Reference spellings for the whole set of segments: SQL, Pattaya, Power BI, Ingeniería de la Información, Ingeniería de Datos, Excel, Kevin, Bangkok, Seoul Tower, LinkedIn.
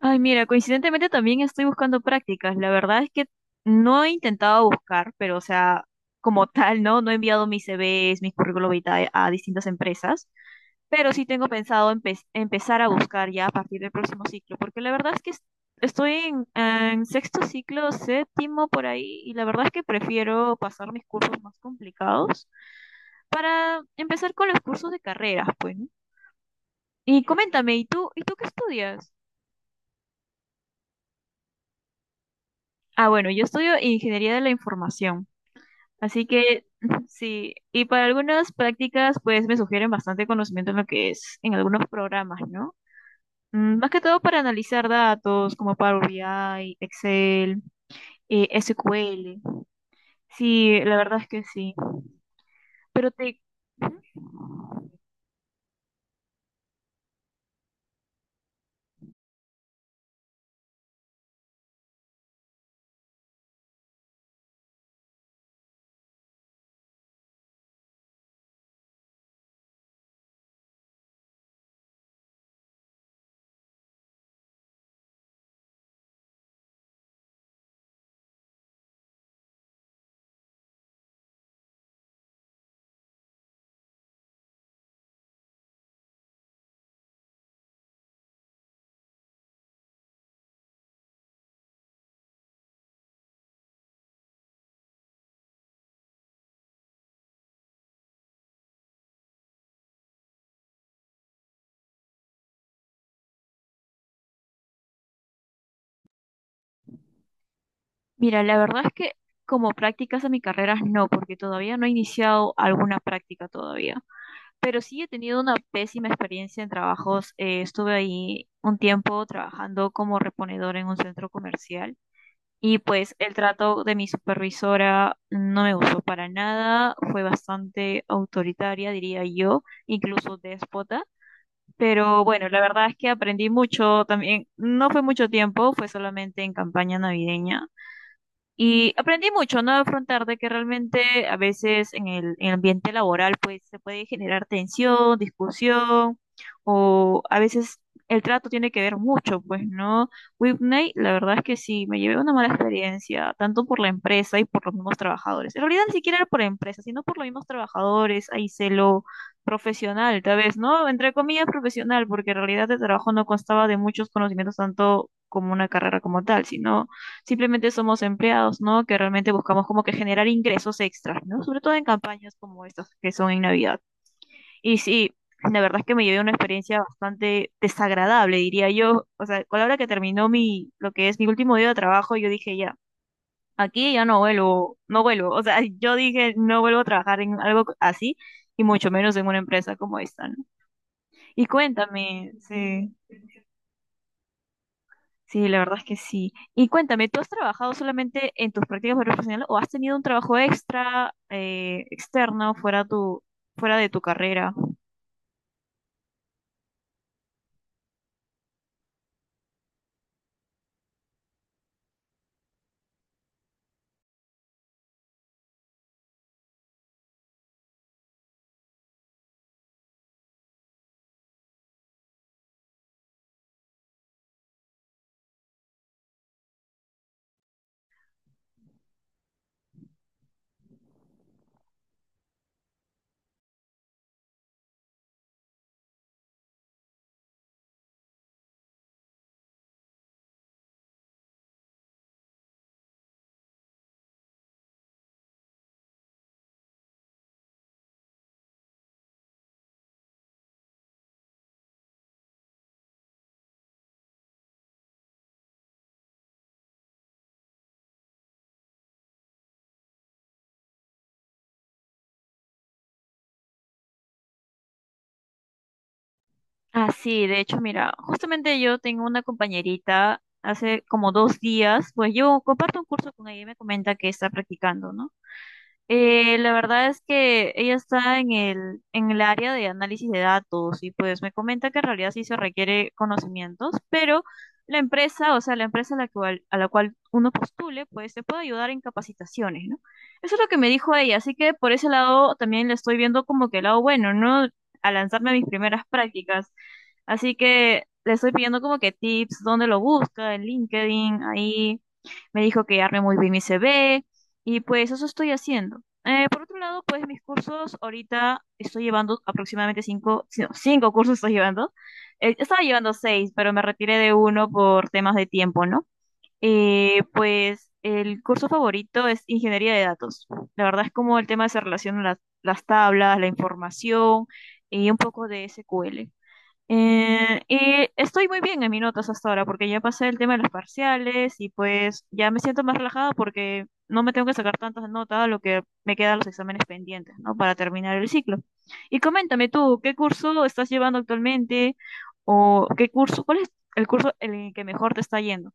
Ay, mira, coincidentemente también estoy buscando prácticas. La verdad es que no he intentado buscar, pero o sea, como tal, ¿no? No he enviado mis CVs, mis currículum vitae a distintas empresas, pero sí tengo pensado empezar a buscar ya a partir del próximo ciclo, porque la verdad es que estoy en sexto ciclo, séptimo por ahí, y la verdad es que prefiero pasar mis cursos más complicados para empezar con los cursos de carreras, pues, ¿no? Y coméntame, ¿y tú qué estudias? Ah, bueno, yo estudio Ingeniería de la Información. Así que sí, y para algunas prácticas pues me sugieren bastante conocimiento en lo que es en algunos programas, ¿no? Más que todo para analizar datos como Power BI, Excel, SQL. Sí, la verdad es que sí. Pero te... Ujú. Mira, la verdad es que como prácticas a mi carrera no, porque todavía no he iniciado alguna práctica todavía. Pero sí he tenido una pésima experiencia en trabajos. Estuve ahí un tiempo trabajando como reponedor en un centro comercial. Y pues el trato de mi supervisora no me gustó para nada, fue bastante autoritaria, diría yo, incluso déspota. Pero bueno, la verdad es que aprendí mucho también, no fue mucho tiempo, fue solamente en campaña navideña, y aprendí mucho, ¿no? A afrontar de que realmente a veces en el ambiente laboral pues se puede generar tensión, discusión, o a veces el trato tiene que ver mucho, pues, ¿no? Whitney, la verdad es que sí, me llevé una mala experiencia, tanto por la empresa y por los mismos trabajadores. En realidad ni siquiera era por la empresa, sino por los mismos trabajadores, ahí celo profesional, tal vez, ¿no? Entre comillas profesional, porque en realidad el trabajo no constaba de muchos conocimientos tanto como una carrera como tal, sino simplemente somos empleados, ¿no? Que realmente buscamos como que generar ingresos extras, ¿no? Sobre todo en campañas como estas que son en Navidad. Y sí, la verdad es que me llevé una experiencia bastante desagradable, diría yo. O sea, con la hora que terminó lo que es mi último día de trabajo, yo dije ya, aquí ya no vuelvo, no vuelvo. O sea, yo dije no vuelvo a trabajar en algo así y mucho menos en una empresa como esta, ¿no? Y cuéntame, sí. Sí, la verdad es que sí. Y cuéntame, ¿tú has trabajado solamente en tus prácticas profesionales o has tenido un trabajo extra, externo, fuera de tu carrera? Ah, sí, de hecho, mira, justamente yo tengo una compañerita hace como 2 días, pues yo comparto un curso con ella y me comenta que está practicando, ¿no? La verdad es que ella está en el área de análisis de datos y pues me comenta que en realidad sí se requiere conocimientos, pero la empresa, o sea, la empresa a la cual uno postule, pues te puede ayudar en capacitaciones, ¿no? Eso es lo que me dijo ella, así que por ese lado también le estoy viendo como que el lado bueno, ¿no? A lanzarme a mis primeras prácticas. Así que le estoy pidiendo como que tips, dónde lo busca, en LinkedIn, ahí me dijo que arme muy bien mi CV y pues eso estoy haciendo. Por otro lado, pues mis cursos, ahorita estoy llevando aproximadamente cinco, sí, no, cinco cursos estoy llevando. Estaba llevando seis, pero me retiré de uno por temas de tiempo, ¿no? Pues el curso favorito es ingeniería de datos. La verdad es como el tema se relaciona las tablas, la información y un poco de SQL. Y estoy muy bien en mis notas hasta ahora porque ya pasé el tema de los parciales y pues ya me siento más relajada porque no me tengo que sacar tantas notas, a lo que me quedan los exámenes pendientes, ¿no? Para terminar el ciclo. Y coméntame tú, ¿qué curso estás llevando actualmente? ¿O qué curso, cuál es el curso en el que mejor te está yendo?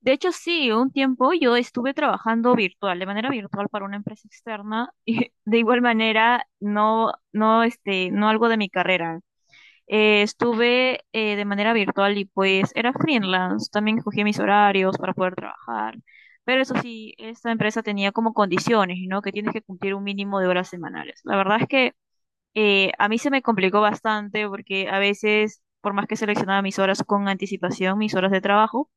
De hecho, sí, un tiempo yo estuve trabajando virtual, de manera virtual para una empresa externa y de igual manera no, no, no algo de mi carrera. Estuve de manera virtual y pues era freelance. También escogí mis horarios para poder trabajar. Pero eso sí, esta empresa tenía como condiciones, ¿no? Que tienes que cumplir un mínimo de horas semanales. La verdad es que a mí se me complicó bastante porque a veces, por más que seleccionaba mis horas con anticipación, mis horas de trabajo,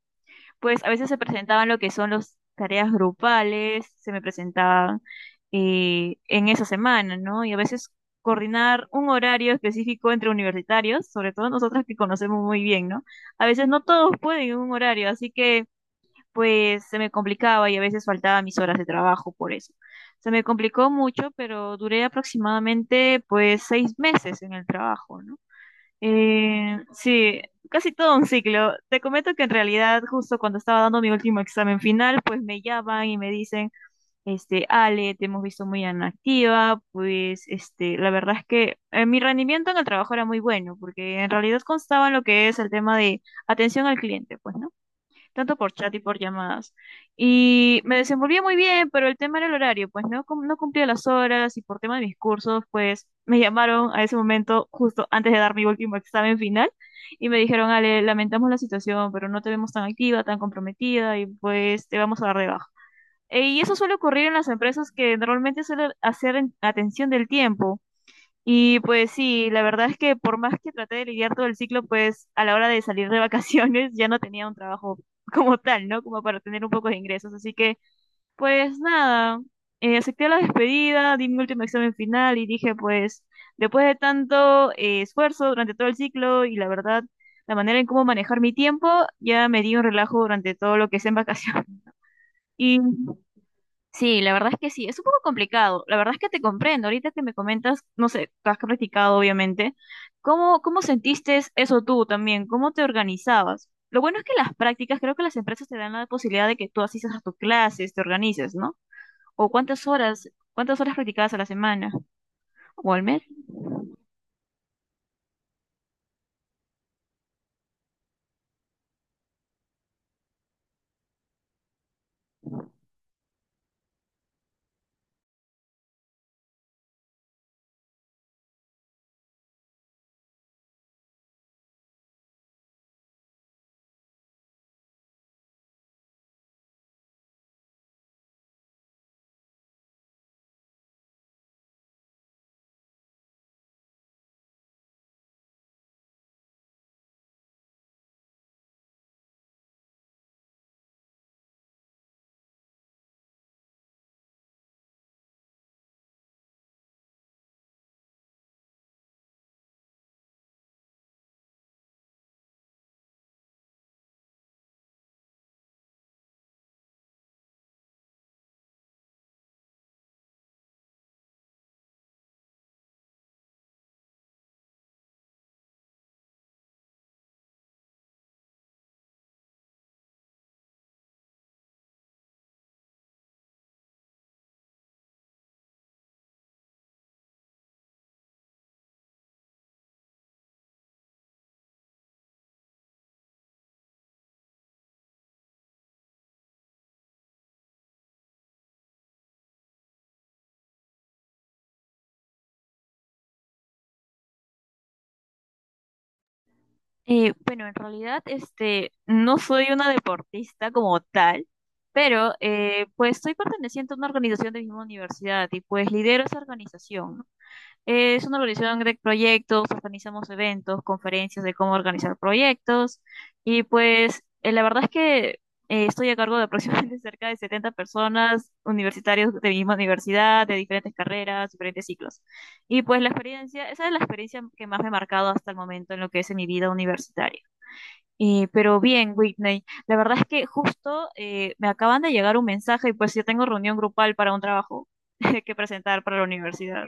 pues a veces se presentaban lo que son las tareas grupales, se me presentaban en esa semana, ¿no? Y a veces coordinar un horario específico entre universitarios, sobre todo nosotras que conocemos muy bien, ¿no? A veces no todos pueden en un horario, así que pues se me complicaba y a veces faltaban mis horas de trabajo por eso. Se me complicó mucho, pero duré aproximadamente pues 6 meses en el trabajo, ¿no? Sí, casi todo un ciclo. Te comento que en realidad, justo cuando estaba dando mi último examen final, pues me llaman y me dicen, Ale, te hemos visto muy inactiva, pues, la verdad es que mi rendimiento en el trabajo era muy bueno, porque en realidad constaba en lo que es el tema de atención al cliente, pues, ¿no? Tanto por chat y por llamadas. Y me desenvolvía muy bien, pero el tema era el horario, pues no, no cumplía las horas y por tema de mis cursos, pues me llamaron a ese momento justo antes de dar mi último examen final y me dijeron, Ale, lamentamos la situación, pero no te vemos tan activa, tan comprometida y pues te vamos a dar de baja. Y eso suele ocurrir en las empresas que normalmente suelen hacer atención del tiempo. Y pues sí, la verdad es que por más que traté de lidiar todo el ciclo, pues a la hora de salir de vacaciones ya no tenía un trabajo como tal, ¿no? Como para tener un poco de ingresos. Así que, pues nada, acepté la despedida, di mi último examen final y dije, pues después de tanto esfuerzo durante todo el ciclo y la verdad, la manera en cómo manejar mi tiempo, ya me di un relajo durante todo lo que es en vacaciones. Y sí, la verdad es que sí, es un poco complicado. La verdad es que te comprendo. Ahorita que me comentas, no sé, has practicado, obviamente. ¿Cómo, cómo sentiste eso tú también? ¿Cómo te organizabas? Lo bueno es que las prácticas, creo que las empresas te dan la posibilidad de que tú asistas a tus clases, te organices, ¿no? O cuántas horas practicabas a la semana o al mes. Bueno, en realidad, este, no soy una deportista como tal. Pero, pues, estoy perteneciente a una organización de mi misma universidad y, pues, lidero esa organización, ¿no? Es una organización de proyectos, organizamos eventos, conferencias de cómo organizar proyectos y pues la verdad es que estoy a cargo de aproximadamente cerca de 70 personas, universitarios de mi misma universidad, de diferentes carreras, diferentes ciclos. Y pues la experiencia, esa es la experiencia que más me ha marcado hasta el momento en lo que es en mi vida universitaria. Pero bien, Whitney, la verdad es que justo me acaban de llegar un mensaje y pues yo tengo reunión grupal para un trabajo que presentar para la universidad.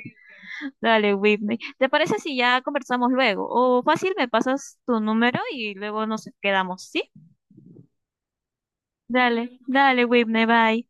Dale, Whitney. ¿Te parece si ya conversamos luego? O fácil, me pasas tu número y luego nos quedamos, ¿sí? Dale, dale, Whitney, bye.